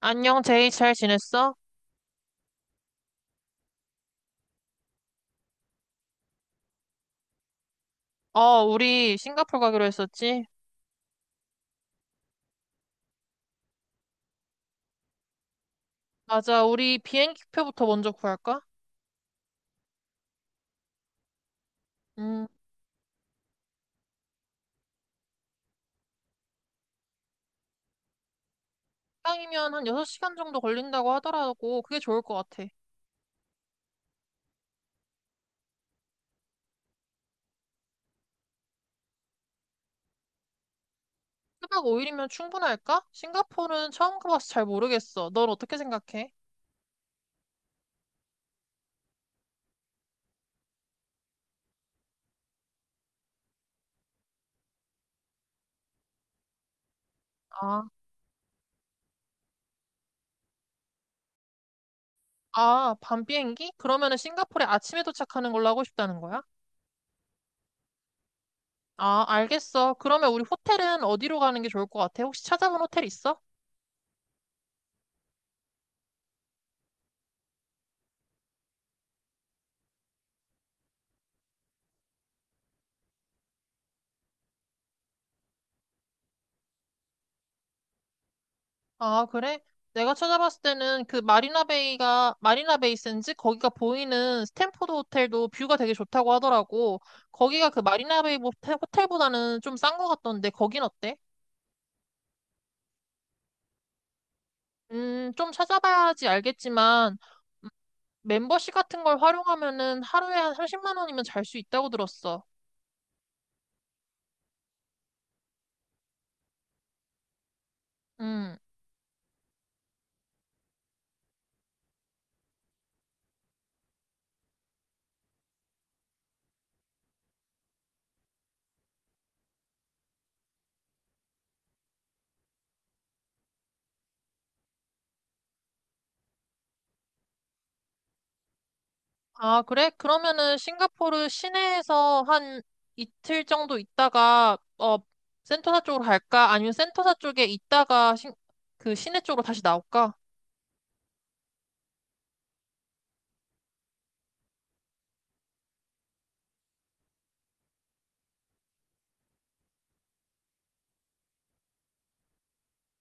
안녕, 제이. 잘 지냈어? 우리 싱가포르 가기로 했었지? 맞아. 우리 비행기표부터 먼저 구할까? 음, 시간이면 한 6시간 정도 걸린다고 하더라고. 그게 좋을 것 같아. 1박 5일이면 충분할까? 싱가포르는 처음 가봐서 잘 모르겠어. 넌 어떻게 생각해? 아, 아, 밤 비행기? 그러면은 싱가포르에 아침에 도착하는 걸로 하고 싶다는 거야? 아, 알겠어. 그러면 우리 호텔은 어디로 가는 게 좋을 것 같아? 혹시 찾아본 호텔 있어? 아, 그래? 내가 찾아봤을 때는 그 마리나 베이가, 마리나 베이 센지 거기가 보이는 스탠포드 호텔도 뷰가 되게 좋다고 하더라고. 거기가 그 마리나 베이 호텔보다는 좀 싼 것 같던데, 거긴 어때? 좀 찾아봐야지 알겠지만, 음, 멤버십 같은 걸 활용하면은 하루에 한 30만 원이면 잘 수 있다고 들었어. 음. 아, 그래? 그러면은 싱가포르 시내에서 한 이틀 정도 있다가 센토사 쪽으로 갈까? 아니면 센토사 쪽에 있다가 그 시내 쪽으로 다시 나올까?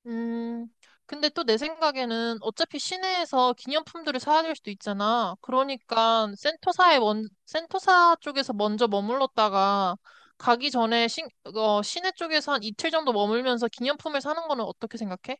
음, 근데 또 내 생각에는 어차피 시내에서 기념품들을 사야 될 수도 있잖아. 그러니까 센토사 쪽에서 먼저 머물렀다가 가기 전에 시내 쪽에서 한 이틀 정도 머물면서 기념품을 사는 거는 어떻게 생각해?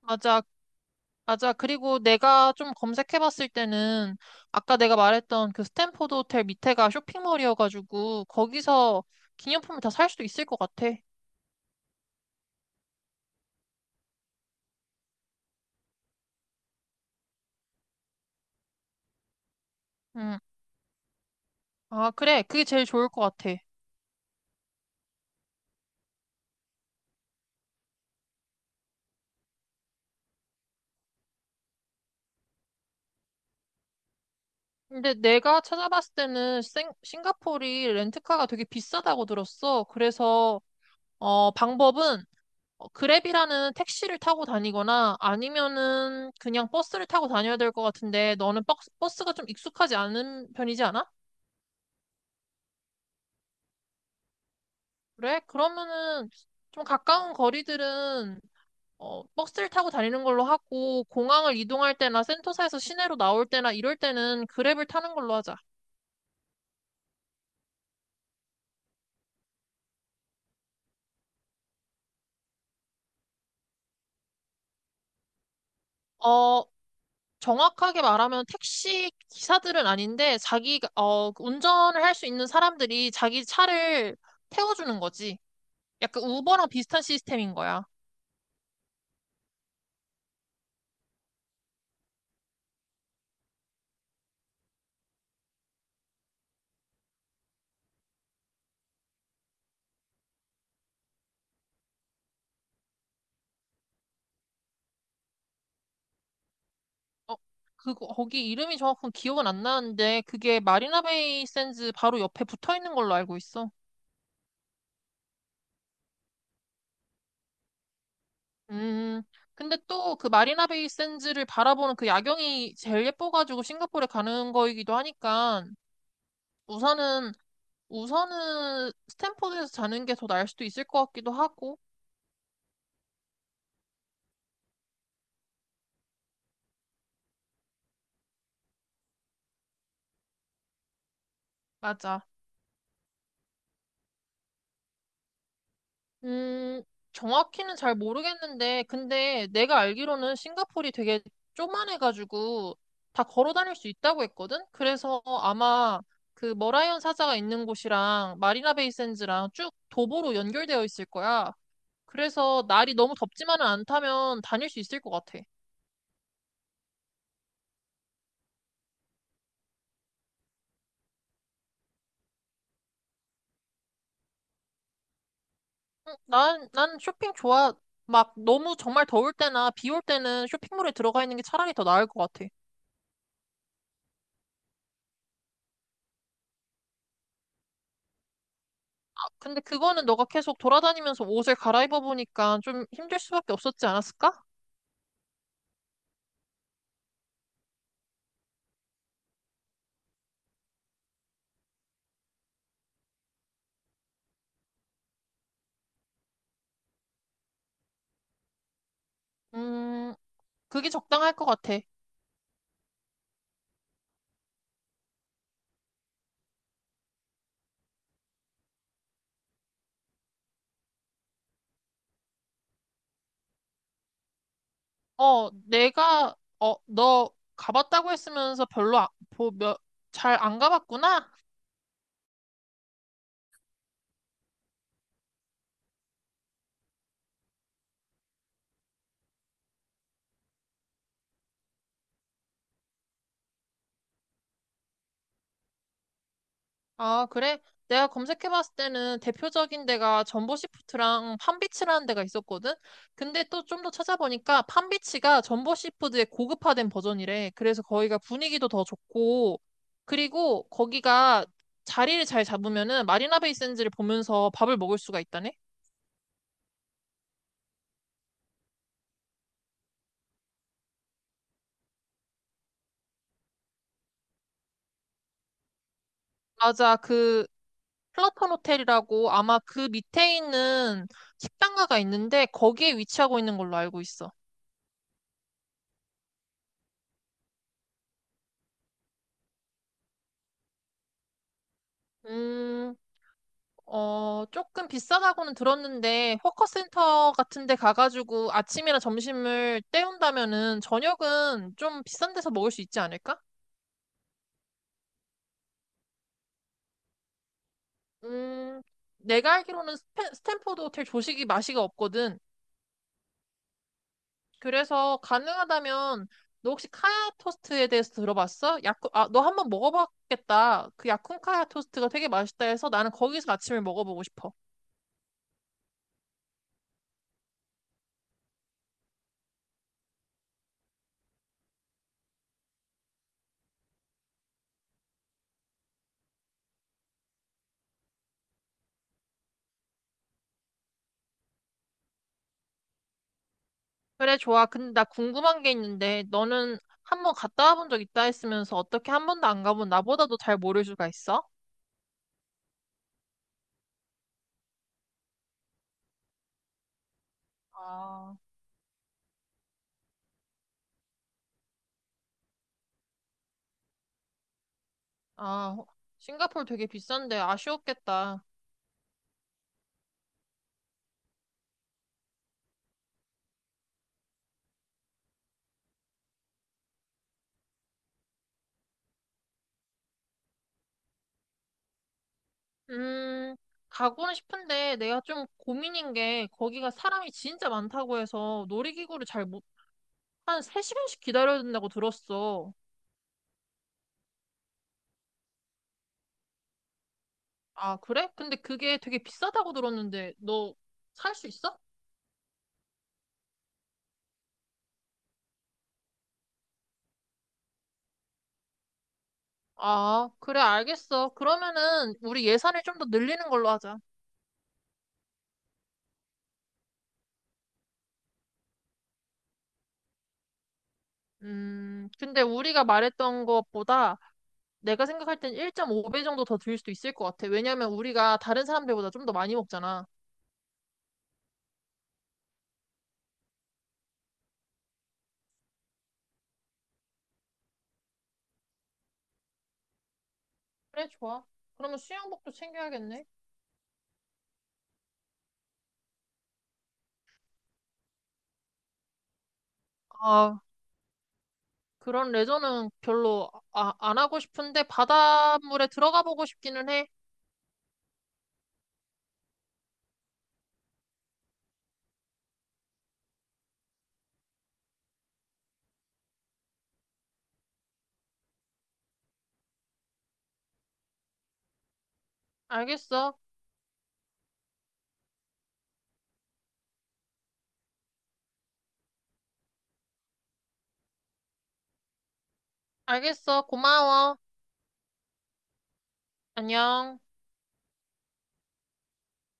맞아. 맞아. 그리고 내가 좀 검색해봤을 때는 아까 내가 말했던 그 스탠포드 호텔 밑에가 쇼핑몰이어가지고 거기서 기념품을 다 살 수도 있을 것 같아. 응. 아, 그래. 그게 제일 좋을 것 같아. 근데 내가 찾아봤을 때는 싱가포르이 렌트카가 되게 비싸다고 들었어. 그래서 방법은 그랩이라는 택시를 타고 다니거나 아니면은 그냥 버스를 타고 다녀야 될 것 같은데 너는 버스가 좀 익숙하지 않은 편이지 않아? 그래? 그러면은 좀 가까운 거리들은 버스를 타고 다니는 걸로 하고 공항을 이동할 때나 센터사에서 시내로 나올 때나 이럴 때는 그랩을 타는 걸로 하자. 어, 정확하게 말하면 택시 기사들은 아닌데 자기 운전을 할 수 있는 사람들이 자기 차를 태워주는 거지. 약간 우버랑 비슷한 시스템인 거야. 어, 그거 거기 이름이 정확한 기억은 안 나는데 그게 마리나베이 샌즈 바로 옆에 붙어 있는 걸로 알고 있어. 음, 근데 또 그 마리나 베이 샌즈를 바라보는 그 야경이 제일 예뻐가지고 싱가포르에 가는 거이기도 하니까 우선은 우선은 스탠퍼드에서 자는 게 더 나을 수도 있을 것 같기도 하고 맞아. 음, 정확히는 잘 모르겠는데 근데 내가 알기로는 싱가포르이 되게 쪼만해가지고 다 걸어 다닐 수 있다고 했거든. 그래서 아마 그 머라이언 사자가 있는 곳이랑 마리나 베이 샌즈랑 쭉 도보로 연결되어 있을 거야. 그래서 날이 너무 덥지만은 않다면 다닐 수 있을 것 같아. 응, 난 쇼핑 좋아. 막 너무 정말 더울 때나 비 올 때는 쇼핑몰에 들어가 있는 게 차라리 더 나을 것 같아. 아, 근데 그거는 너가 계속 돌아다니면서 옷을 갈아입어 보니까 좀 힘들 수밖에 없었지 않았을까? 음, 그게 적당할 것 같아. 너 가봤다고 했으면서 별로 잘안 가봤구나. 아, 그래? 내가 검색해봤을 때는 대표적인 데가 전보시푸드랑 팜비치라는 데가 있었거든? 근데 또 좀 더 찾아보니까 팜비치가 전보시푸드의 고급화된 버전이래. 그래서 거기가 분위기도 더 좋고, 그리고 거기가 자리를 잘 잡으면은 마리나 베이 샌즈를 보면서 밥을 먹을 수가 있다네? 맞아, 그 플라톤 호텔이라고 아마 그 밑에 있는 식당가가 있는데 거기에 위치하고 있는 걸로 알고 있어. 음, 조금 비싸다고는 들었는데, 워커센터 같은 데 가가지고 아침이나 점심을 때운다면은 저녁은 좀 비싼 데서 먹을 수 있지 않을까? 음, 내가 알기로는 스탠포드 호텔 조식이 맛이가 없거든. 그래서 가능하다면, 너 혹시 카야 토스트에 대해서 들어봤어? 아, 너 한번 먹어봤겠다. 그 야쿤 카야 토스트가 되게 맛있다 해서 나는 거기서 아침을 먹어보고 싶어. 그래, 좋아. 근데 나 궁금한 게 있는데, 너는 한 번 갔다 와본 적 있다 했으면서 어떻게 한 번도 안 가본 나보다도 잘 모를 수가 있어? 아, 아, 싱가포르 되게 비싼데 아쉬웠겠다. 음, 가고는 싶은데 내가 좀 고민인 게 거기가 사람이 진짜 많다고 해서 놀이기구를 잘 못, 한 3시간씩 기다려야 된다고 들었어. 아, 그래? 근데 그게 되게 비싸다고 들었는데 너 살 수 있어? 아, 그래, 알겠어. 그러면은 우리 예산을 좀 더 늘리는 걸로 하자. 근데 우리가 말했던 것보다 내가 생각할 땐 1.5배 정도 더 들 수도 있을 것 같아. 왜냐면 우리가 다른 사람들보다 좀 더 많이 먹잖아. 그래, 좋아. 그러면 수영복도 챙겨야겠네. 아, 그런 레저는 별로 안 하고 싶은데 바닷물에 들어가 보고 싶기는 해. 알겠어. 알겠어. 고마워. 안녕.